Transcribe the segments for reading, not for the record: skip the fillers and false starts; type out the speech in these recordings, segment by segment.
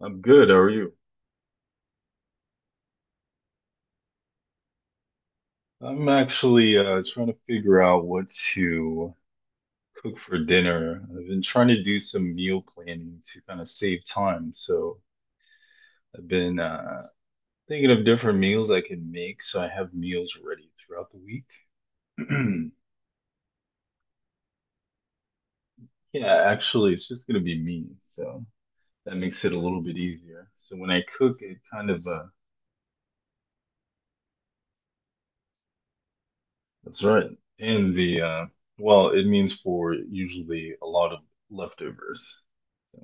I'm good. How are you? I'm actually trying to figure out what to cook for dinner. I've been trying to do some meal planning to kind of save time. So I've been thinking of different meals I can make so I have meals ready throughout the week. Yeah, actually, it's just going to be me. So that makes it a little bit easier. So when I cook, it kind of, that's right. And the, well, it means for usually a lot of leftovers. So,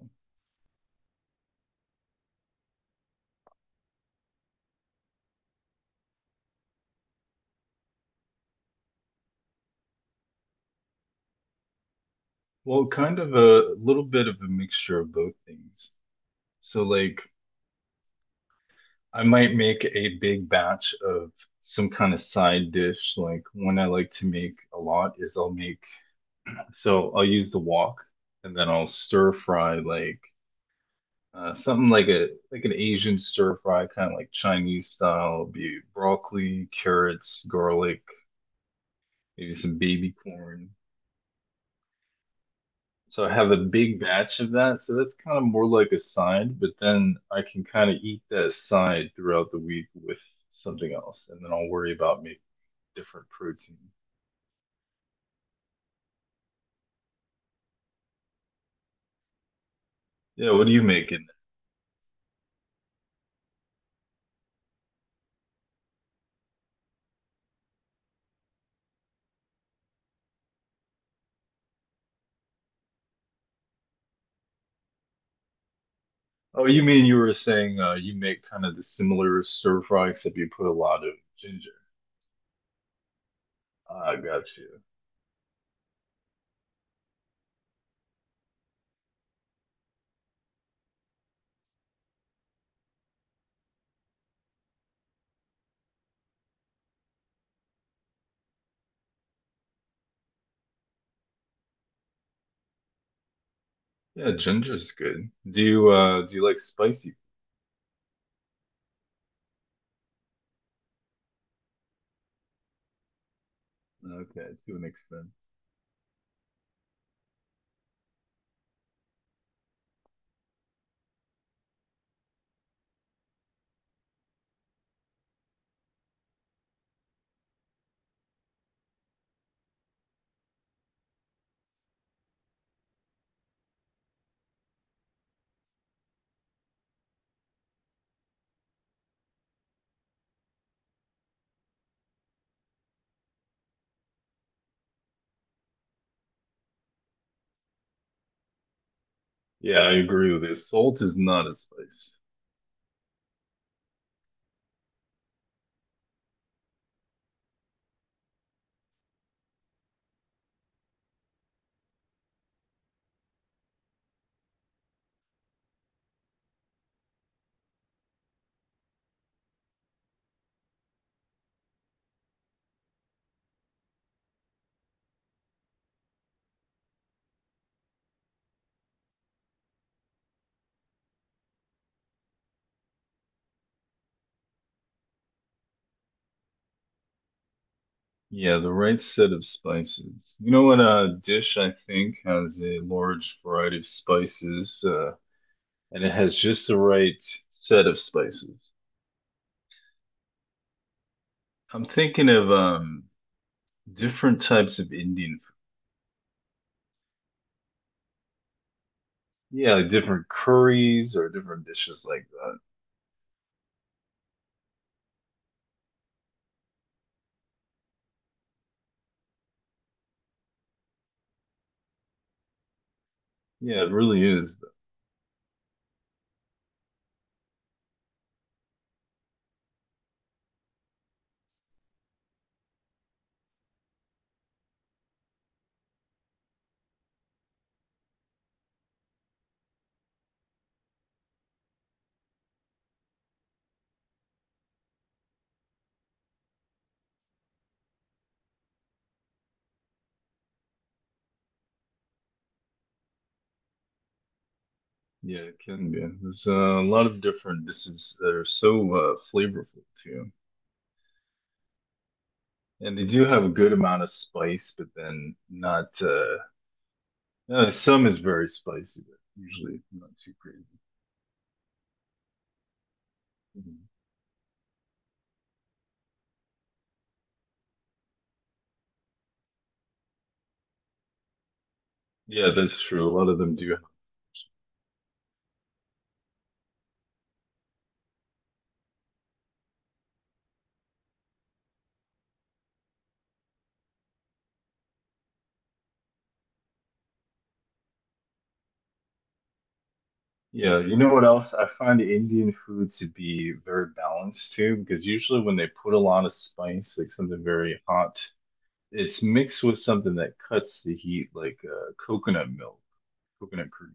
well, kind of a little bit of a mixture of both things. So, like, I might make a big batch of some kind of side dish. Like, one I like to make a lot is I'll make, so I'll use the wok and then I'll stir fry like something like a like an Asian stir fry, kind of like Chinese style. It'll be broccoli, carrots, garlic, maybe some baby corn. So I have a big batch of that. So that's kind of more like a side, but then I can kind of eat that side throughout the week with something else, and then I'll worry about making different protein. Yeah, what do you make in there? Oh, you mean you were saying you make kind of the similar stir fry except you put a lot of ginger. Ah, got you. Yeah, ginger's good. Do you like spicy? Okay, to an extent. Yeah, I agree with you. Salt is not a spice. Yeah, the right set of spices. You know what? A dish, I think, has a large variety of spices, and it has just the right set of spices. I'm thinking of different types of Indian food. Yeah, like different curries or different dishes like that. Yeah, it really is. Yeah, it can be. There's a lot of different dishes that are so flavorful too, and they do have a good amount of spice, but then not uh, some is very spicy, but usually not too crazy. Mhm. Yeah, that's true. A lot of them do. Yeah, you know what else? I find Indian food to be very balanced too, because usually when they put a lot of spice, like something very hot, it's mixed with something that cuts the heat, like coconut milk, coconut cream.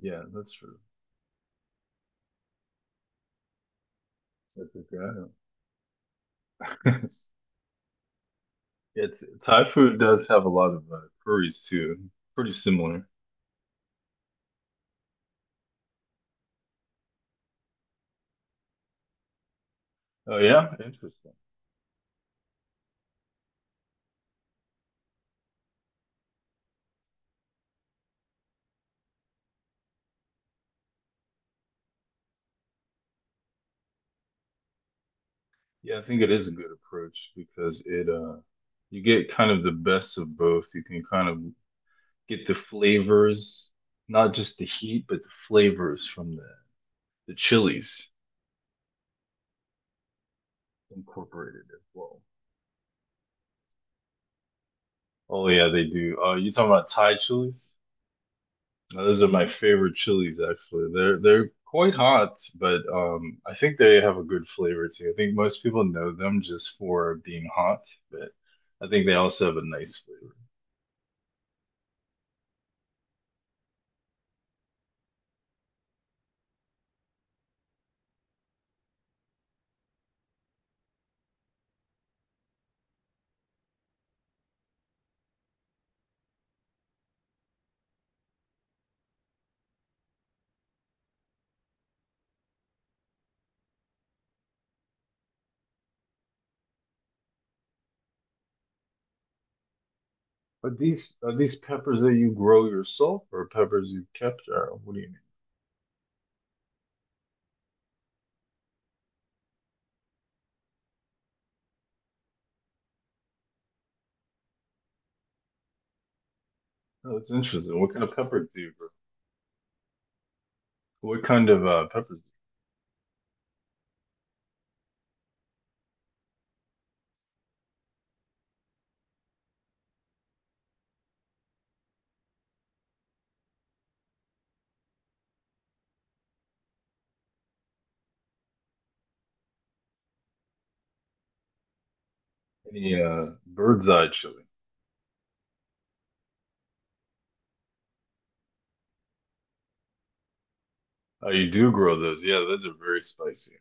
Yeah, that's true. I forgot. It's Thai food does have a lot of curries too, pretty similar. Oh yeah, interesting. Yeah, I think it is a good approach because it you get kind of the best of both. You can kind of get the flavors, not just the heat, but the flavors from the chilies incorporated as well. Oh yeah, they do. You talking about Thai chilies? Now, those are my favorite chilies actually. They're quite hot, but I think they have a good flavor too. I think most people know them just for being hot, but I think they also have a nice flavor. But these are these peppers that you grow yourself or peppers you have capture? What do you mean? No, that's interesting. What kind of peppers do you grow? What kind of peppers? Any bird's eye chili? Oh, you do grow those. Yeah, those are very spicy.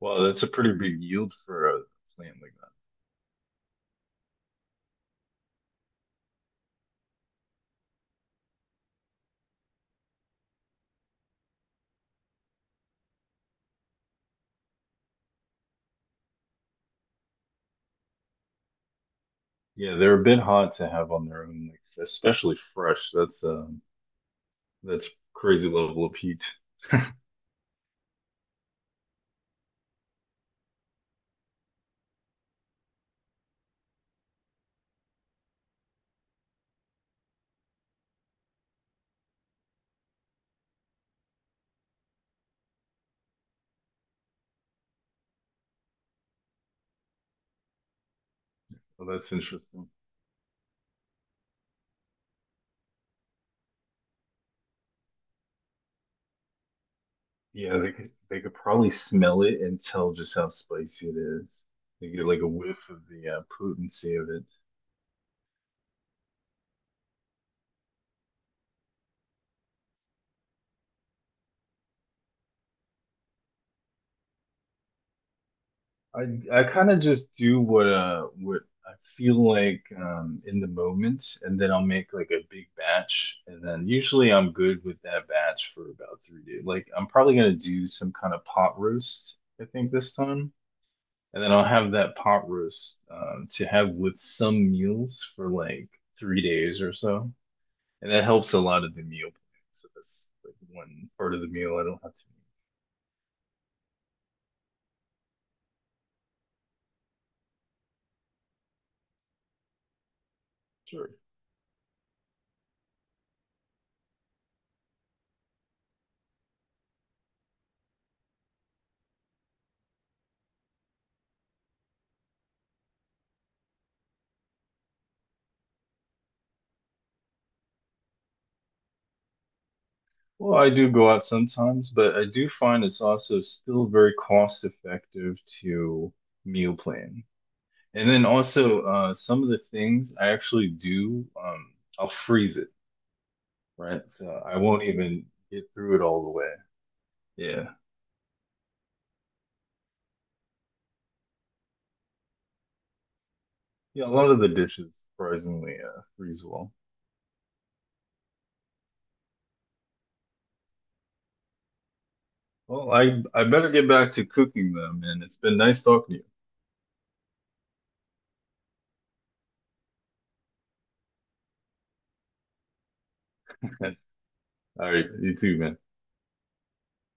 Wow, that's a pretty big yield for a plant like that. Yeah, they're a bit hot to have on their own, like especially fresh. That's crazy level of heat. Well, that's interesting. Yeah, they could probably smell it and tell just how spicy it is. They get like a whiff of the potency of it. I kind of just do what I feel like in the moment, and then I'll make like a big batch, and then usually I'm good with that batch for about 3 days. Like I'm probably gonna do some kind of pot roast, I think this time, and then I'll have that pot roast to have with some meals for like 3 days or so. And that helps a lot of the meal plan. So that's like one part of the meal I don't have to make. Sure. Well, I do go out sometimes, but I do find it's also still very cost effective to meal plan. And then also, some of the things I actually do, I'll freeze it, right? So I won't even get through it all the way. Yeah. Yeah, a lot of the dishes surprisingly freeze well. Well, I better get back to cooking them, and it's been nice talking to you. All right, you too, man.